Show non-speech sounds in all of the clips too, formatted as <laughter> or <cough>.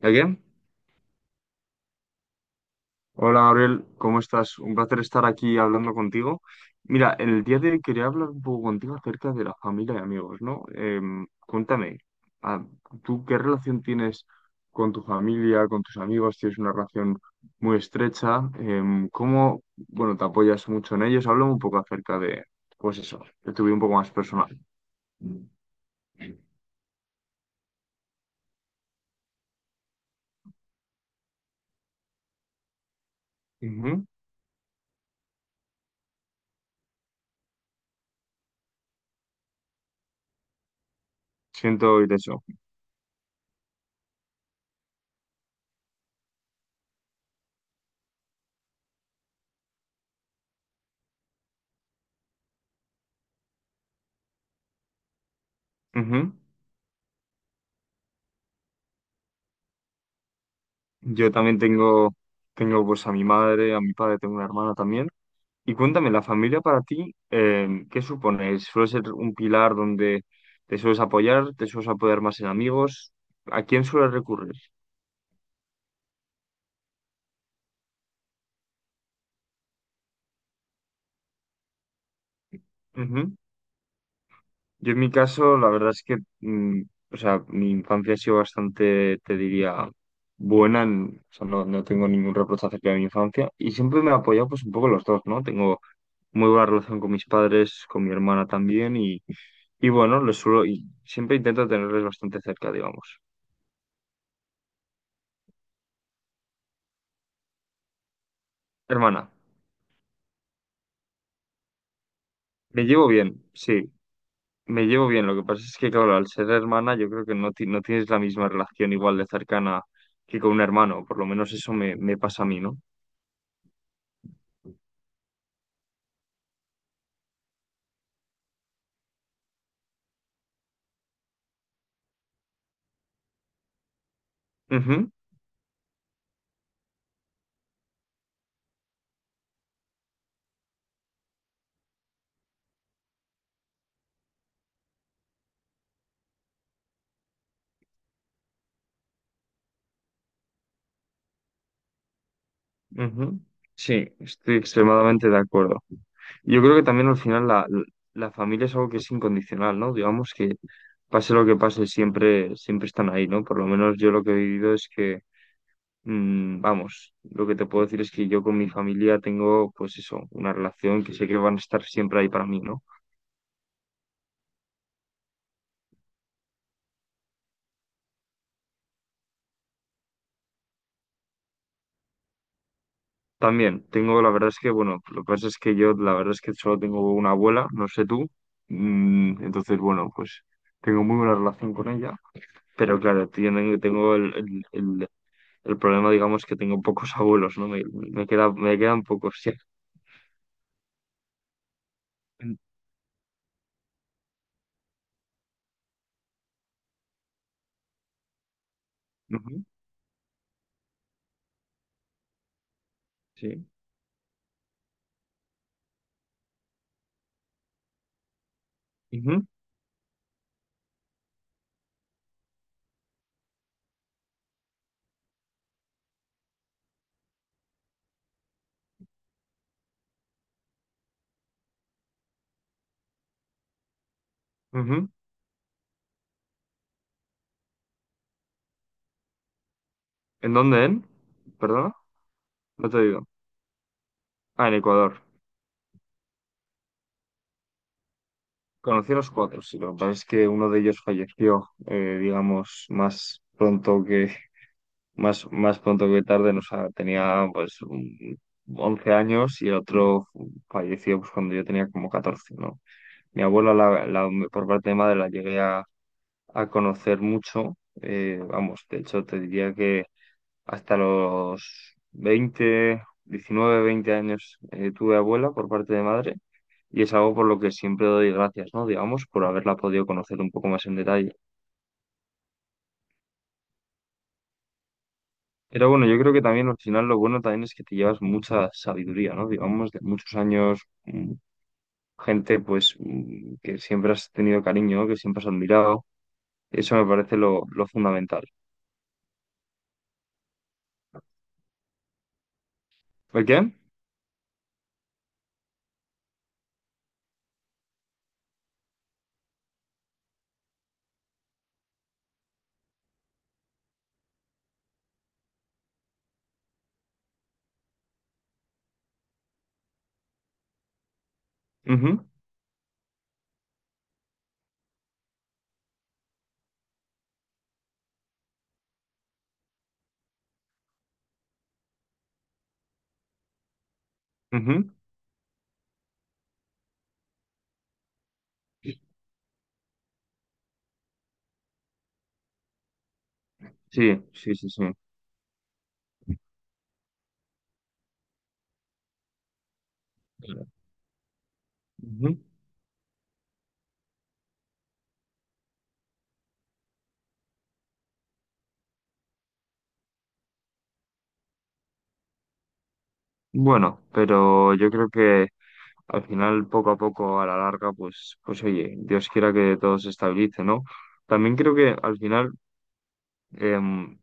¿Qué? Hola Gabriel, ¿cómo estás? Un placer estar aquí hablando contigo. Mira, el día de hoy quería hablar un poco contigo acerca de la familia y amigos, ¿no? Cuéntame, ah, ¿tú qué relación tienes con tu familia, con tus amigos? ¿Tienes una relación muy estrecha? ¿Cómo, bueno, te apoyas mucho en ellos? Háblame un poco acerca de, pues eso, de tu vida un poco más personal. Ujú. Siento oír eso. Ujú. Yo también tengo, tengo pues a mi madre, a mi padre, tengo una hermana también. Y cuéntame, la familia para ti, ¿qué supone? ¿Suele ser un pilar donde te sueles apoyar más en amigos? ¿A quién sueles recurrir? Ujú. Yo en mi caso, la verdad es que, o sea, mi infancia ha sido bastante, te diría, buena, o sea, no tengo ningún reproche acerca de mi infancia y siempre me he apoyado pues un poco los dos, ¿no? Tengo muy buena relación con mis padres, con mi hermana también y bueno, les suelo, y siempre intento tenerles bastante cerca, digamos. Hermana. Me llevo bien, sí. Me llevo bien, lo que pasa es que, claro, al ser hermana, yo creo que no tienes la misma relación igual de cercana que con un hermano, por lo menos eso me, me pasa a mí, ¿no? Ujú, ujú. Sí, estoy extremadamente de acuerdo. Yo creo que también al final la familia es algo que es incondicional, ¿no? Digamos que pase lo que pase, siempre, siempre están ahí, ¿no? Por lo menos yo lo que he vivido es que, vamos, lo que te puedo decir es que yo con mi familia tengo, pues eso, una relación que sé que van a estar siempre ahí para mí, ¿no? También tengo, la verdad es que, bueno, lo que pasa es que yo, la verdad es que solo tengo una abuela, no sé tú. Entonces, bueno, pues tengo muy buena relación con ella, pero claro, tienen, tengo el problema, digamos, que tengo pocos <laughs> abuelos, ¿no? Me queda, me quedan pocos, sí. Ujú, sí. Ujú, ujú. ¿En dónde, en? ¿Perdona? No te digo. Ah, en Ecuador. Conocí a los cuatro, sí, lo que pasa es que uno de ellos falleció, digamos, más, más pronto que tarde, nos tenía pues 11 años y el otro falleció pues, cuando yo tenía como 14, ¿no? Mi abuela, por parte de madre, la llegué a conocer mucho, vamos, de hecho te diría que hasta los 20 años, tuve abuela por parte de madre y es algo por lo que siempre doy gracias, ¿no? Digamos, por haberla podido conocer un poco más en detalle. Pero bueno, yo creo que también al final lo bueno también es que te llevas mucha sabiduría, ¿no? Digamos, de muchos años, gente pues que siempre has tenido cariño, que siempre has admirado. Eso me parece lo fundamental. ¿Por qué? Ujú, ujú. Sí, sí, sí, sí. Ujú. Bueno, pero yo creo que al final, poco a poco, a la larga, pues, pues oye, Dios quiera que todo se estabilice, ¿no? También creo que al final, em,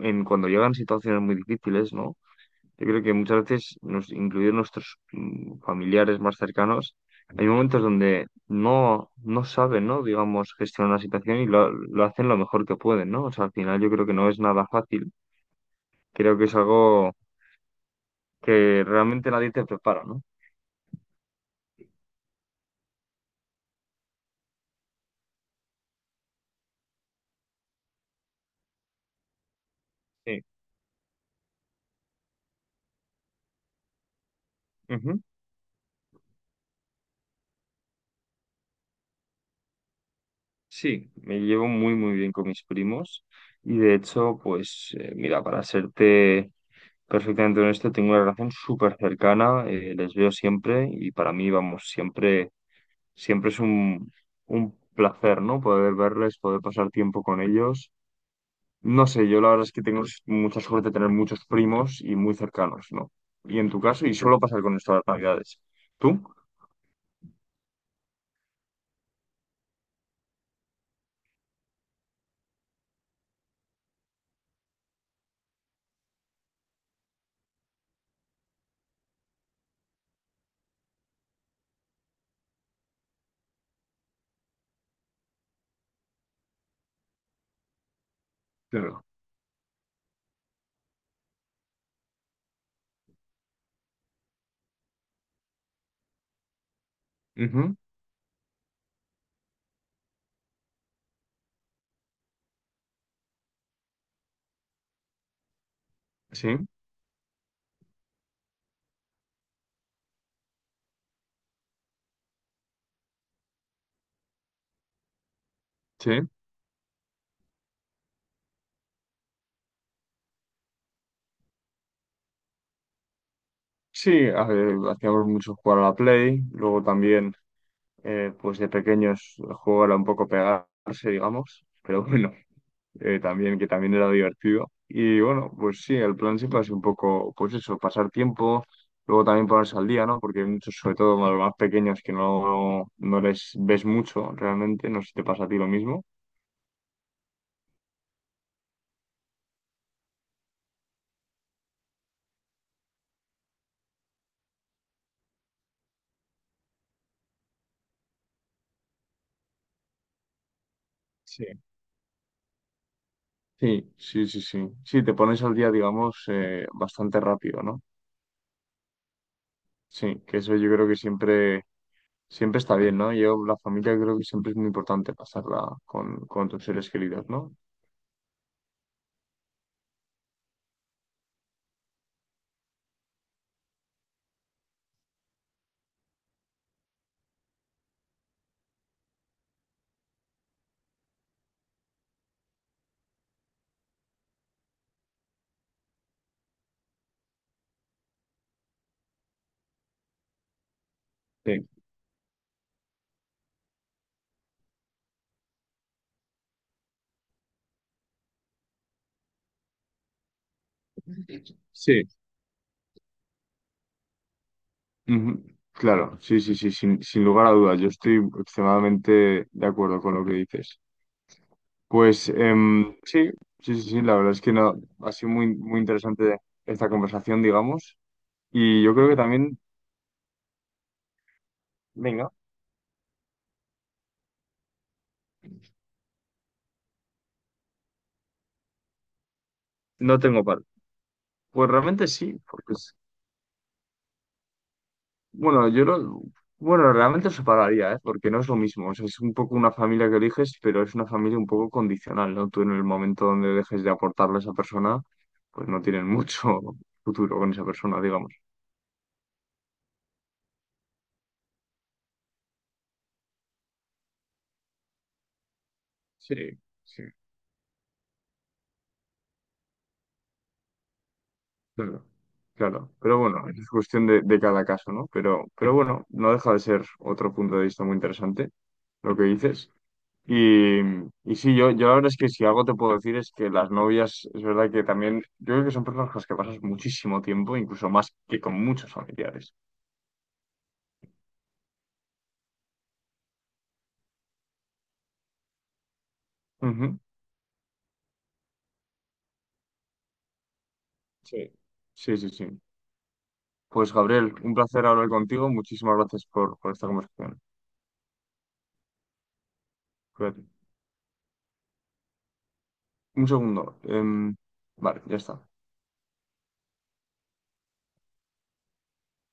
cuando llegan situaciones muy difíciles, ¿no? Yo creo que muchas veces, nos, incluidos nuestros familiares más cercanos, hay momentos donde no saben, ¿no? Digamos, gestionar la situación y lo hacen lo mejor que pueden, ¿no? O sea, al final yo creo que no es nada fácil. Creo que es algo que realmente nadie te prepara, ¿no? Sí. Ujú. Sí, me llevo muy, muy bien con mis primos y de hecho, pues, mira, para serte perfectamente honesto, tengo una relación súper cercana, les veo siempre y para mí, vamos, siempre es un placer, ¿no? Poder verles, poder pasar tiempo con ellos. No sé, yo la verdad es que tengo mucha suerte de tener muchos primos y muy cercanos, ¿no? Y en tu caso, y suelo pasar con esto las navidades. ¿Tú? Claro. Ujú. Sí, sí. Sí, a ver, hacíamos mucho jugar a la Play, luego también, pues de pequeños, el juego era un poco pegarse, digamos, pero bueno, también, que también era divertido. Y bueno, pues sí, el plan siempre ha sido un poco, pues eso, pasar tiempo, luego también ponerse al día, ¿no? Porque hay muchos, sobre todo los más pequeños, que no les ves mucho realmente, no sé si te pasa a ti lo mismo. Sí. Sí, sí, sí, sí. Sí, te pones al día, digamos, bastante rápido, ¿no? Sí, que eso yo creo que siempre, siempre está bien, ¿no? Yo, la familia creo que siempre es muy importante pasarla con tus seres queridos, ¿no? Sí. Sí. Ujú. Claro, sí, sí, sí, sin, sin lugar a dudas. Yo estoy extremadamente de acuerdo con lo que dices. Pues sí, sí, sí, sí, la verdad es que no, ha sido muy, muy interesante esta conversación, digamos. Y yo creo que también, venga, no tengo par. Pues realmente sí, porque es, bueno, yo lo, bueno, realmente os separaría, ¿eh? Porque no es lo mismo. O sea, es un poco una familia que eliges, pero es una familia un poco condicional, ¿no? Tú en el momento donde dejes de aportarle a esa persona, pues no tienen <laughs> mucho futuro con esa persona, digamos. Sí, sí, claro, claro. Pero bueno, es cuestión de cada caso, ¿no? Pero bueno, no deja de ser otro punto de vista muy interesante lo que dices. Y, y sí, yo la verdad es que si algo te puedo decir es que las novias, es verdad que también, yo creo que son personas con las que pasas muchísimo tiempo, incluso más que con muchos familiares. Ujú. Sí. Sí, sí, sí. Pues Gabriel, un placer hablar contigo. Muchísimas gracias por esta conversación. Cuídate. Un segundo. Vale, ya está.